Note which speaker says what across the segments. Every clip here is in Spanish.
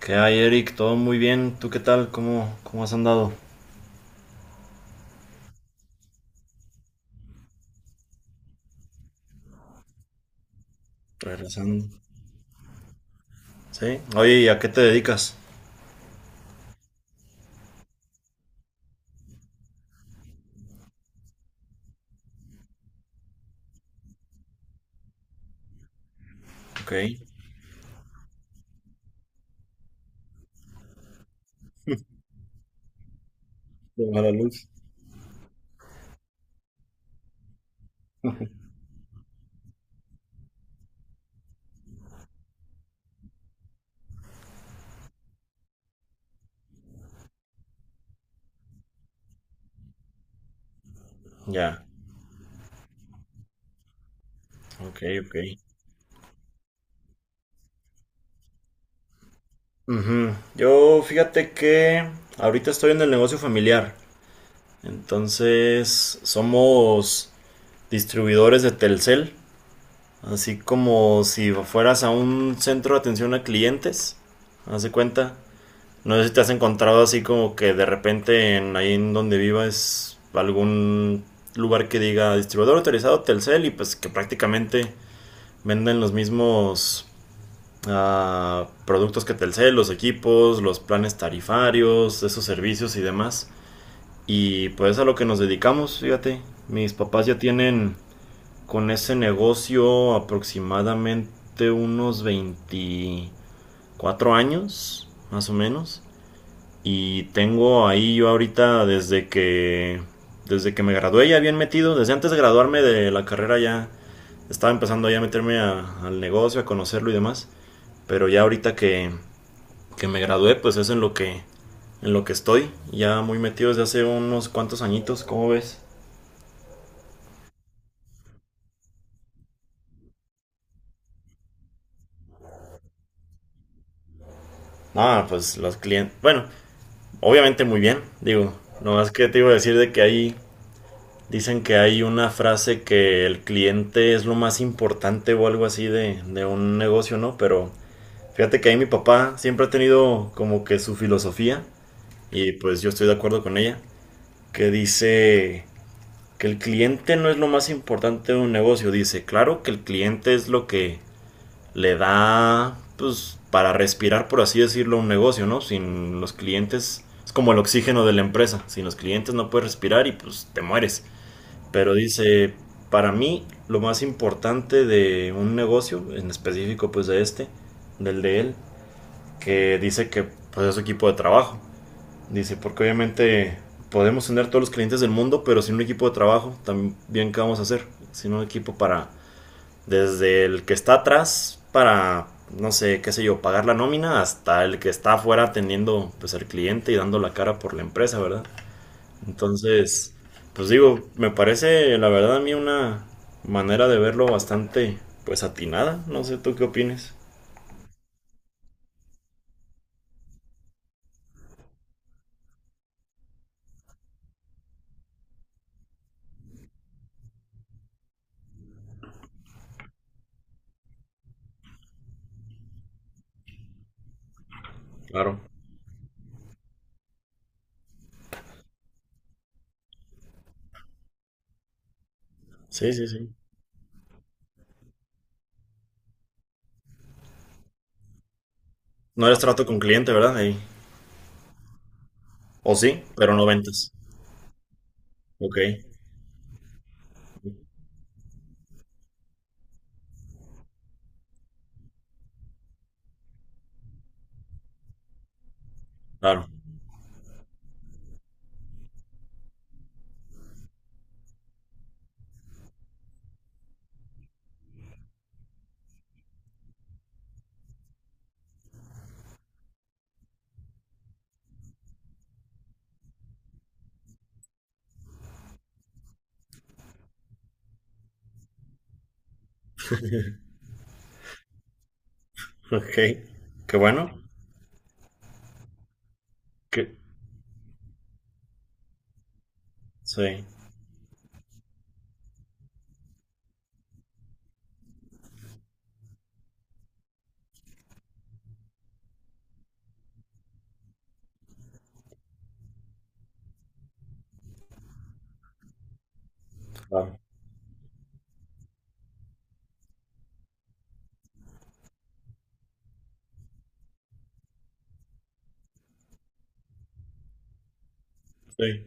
Speaker 1: ¿Qué hay, Eric? Todo muy bien. ¿Tú qué tal? ¿Cómo has andado? Regresando. ¿Sí? Oye, ¿y a qué te dedicas? Ok. A la luz. Ya. Ok, ok. Ujú. Yo fíjate que ahorita estoy en el negocio familiar. Entonces, somos distribuidores de Telcel. Así como si fueras a un centro de atención a clientes. Haz de cuenta. No sé si te has encontrado así como que de repente en, ahí en donde vivas algún lugar que diga distribuidor autorizado Telcel y pues que prácticamente venden los mismos productos que Telcel, los equipos, los planes tarifarios, esos servicios y demás. Y pues a lo que nos dedicamos, fíjate. Mis papás ya tienen con ese negocio aproximadamente unos 24 años, más o menos. Y tengo ahí yo ahorita desde que me gradué ya bien metido, desde antes de graduarme de la carrera ya estaba empezando ya a meterme a- al negocio, a conocerlo y demás. Pero ya ahorita que me gradué, pues es en lo que estoy, ya muy metido desde hace unos cuantos añitos, ¿cómo ves? Ah, pues los clientes, bueno, obviamente muy bien, digo, no es que te iba a decir de que ahí. Dicen que hay una frase que el cliente es lo más importante o algo así de un negocio, ¿no? Pero fíjate que ahí mi papá siempre ha tenido como que su filosofía y pues yo estoy de acuerdo con ella, que dice que el cliente no es lo más importante de un negocio. Dice, claro que el cliente es lo que le da, pues, para respirar, por así decirlo, un negocio, ¿no? Sin los clientes, es como el oxígeno de la empresa. Sin los clientes no puedes respirar y pues te mueres. Pero dice, para mí lo más importante de un negocio, en específico pues de este, del de él, que dice que pues es su equipo de trabajo. Dice, porque obviamente podemos tener todos los clientes del mundo, pero sin un equipo de trabajo, ¿también qué vamos a hacer? Sin un equipo para, desde el que está atrás para, no sé, qué sé yo, pagar la nómina, hasta el que está afuera atendiendo pues al cliente y dando la cara por la empresa, ¿verdad? Entonces, pues digo, me parece la verdad a mí una manera de verlo bastante pues atinada. No sé tú qué opines. Claro. Sí, sí, sí. No eres trato con cliente, ¿verdad? Ahí. O sí, pero no ventas. Ok, claro. Ok. Qué bueno. Que... Sí, claro. Sí.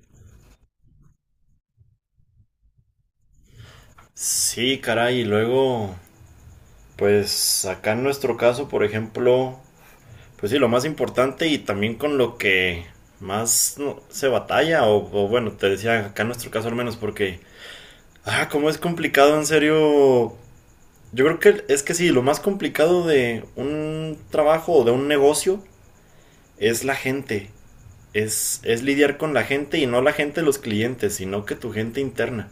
Speaker 1: Sí, caray. Y luego, pues acá en nuestro caso, por ejemplo, pues sí, lo más importante y también con lo que más no, se batalla, o bueno, te decía acá en nuestro caso al menos, porque, ah, cómo es complicado, en serio. Yo creo que es que sí, lo más complicado de un trabajo o de un negocio es la gente. Es lidiar con la gente y no la gente de los clientes, sino que tu gente interna,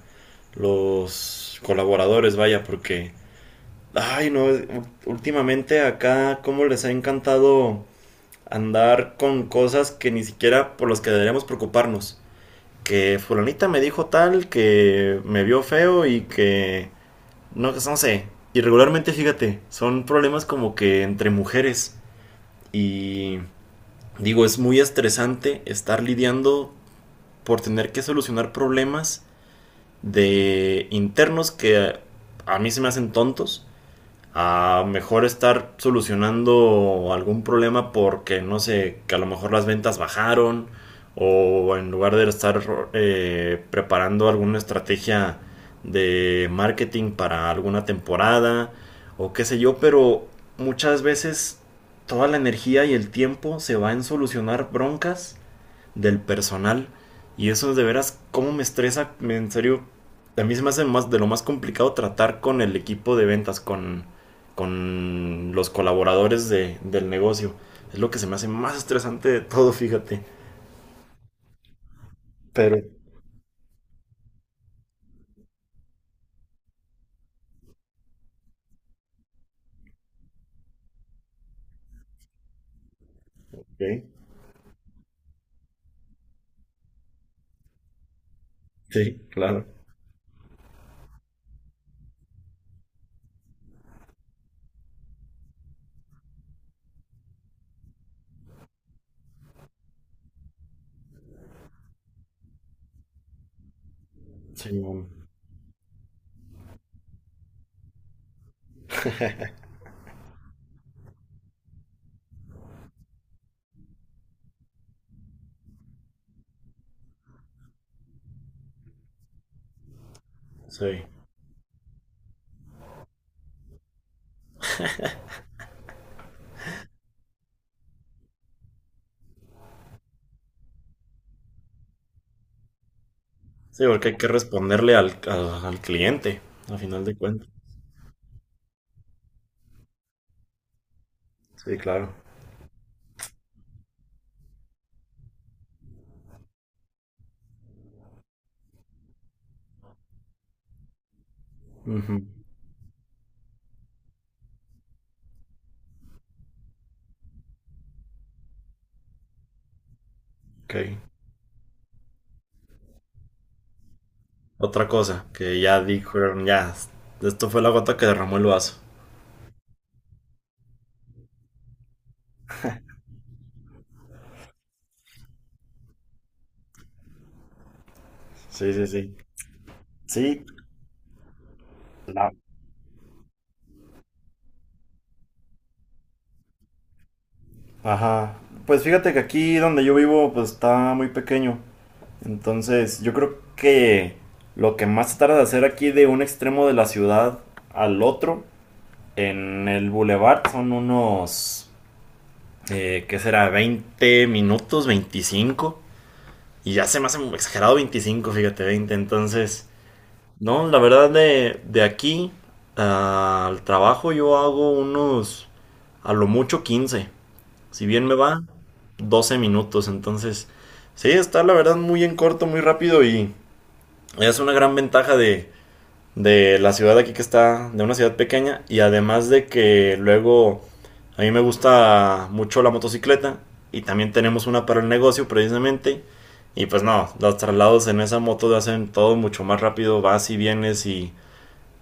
Speaker 1: los colaboradores, vaya, porque, ay, no, últimamente acá, cómo les ha encantado andar con cosas que ni siquiera por las que deberíamos preocuparnos. Que fulanita me dijo tal, que me vio feo y que... No, no sé. Y regularmente, fíjate, son problemas como que entre mujeres. Y digo, es muy estresante estar lidiando por tener que solucionar problemas de internos que a mí se me hacen tontos a mejor estar solucionando algún problema porque no sé, que a lo mejor las ventas bajaron o en lugar de estar preparando alguna estrategia de marketing para alguna temporada o qué sé yo, pero muchas veces toda la energía y el tiempo se va en solucionar broncas del personal. Y eso de veras, ¿cómo me estresa? En serio, a mí se me hace más de lo más complicado tratar con el equipo de ventas, con los colaboradores del negocio. Es lo que se me hace más estresante de todo, fíjate. Pero, ok, sí, claro. Sí, no, sí. Sí, porque hay que responderle al, al- al cliente, a final de cuentas. Sí, claro. Ujú, ok. Otra cosa que ya dijeron, ya, esto fue la gota que derramó el vaso. Sí, sí, sí. Sí, la... Ajá. Pues fíjate que aquí donde yo vivo, pues está muy pequeño. Entonces, yo creo que lo que más se tarda de hacer aquí de un extremo de la ciudad al otro, en el bulevar, son unos, ¿qué será? 20 minutos, 25. Y ya se me hace exagerado 25, fíjate, 20. Entonces, no, la verdad de aquí al trabajo yo hago unos, a lo mucho 15. Si bien me va, 12 minutos. Entonces, sí, está la verdad muy en corto, muy rápido y es una gran ventaja de la ciudad aquí que está, de una ciudad pequeña. Y además de que luego a mí me gusta mucho la motocicleta y también tenemos una para el negocio precisamente. Y pues no, los traslados en esa moto te hacen todo mucho más rápido, vas y vienes y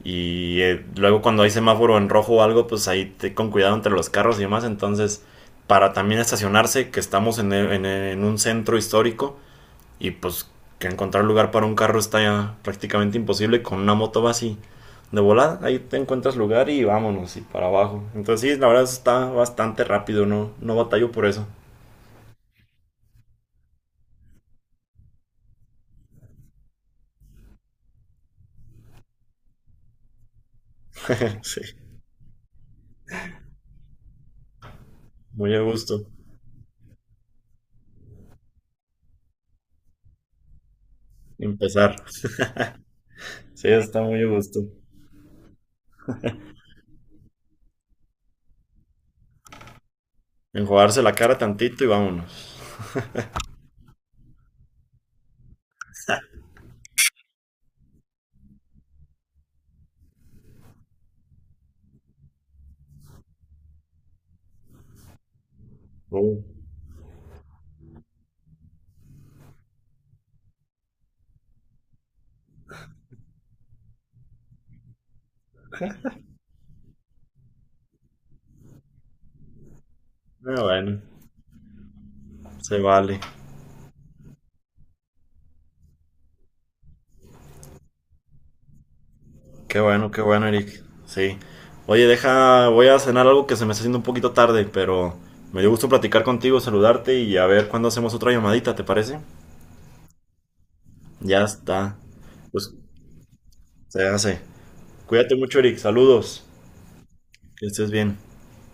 Speaker 1: y eh, luego cuando hay semáforo en rojo o algo, pues ahí con cuidado entre los carros y demás. Entonces, para también estacionarse, que estamos en, e, en en un centro histórico y pues que encontrar lugar para un carro está ya prácticamente imposible. Con una moto va así de volada, ahí te encuentras lugar y vámonos y para abajo. Entonces, sí, la verdad está bastante rápido, no, no batallo por eso. Sí, muy a gusto. Empezar. Sí, está muy a gusto. Enjuagarse la cara tantito y vámonos. Uh, bueno. Se vale. Qué bueno, Eric. Sí. Oye, deja, voy a cenar algo que se me está haciendo un poquito tarde, pero me dio gusto platicar contigo, saludarte y a ver cuándo hacemos otra llamadita, ¿te parece? Ya está. Pues se hace. Cuídate mucho, Eric. Saludos. Que estés bien.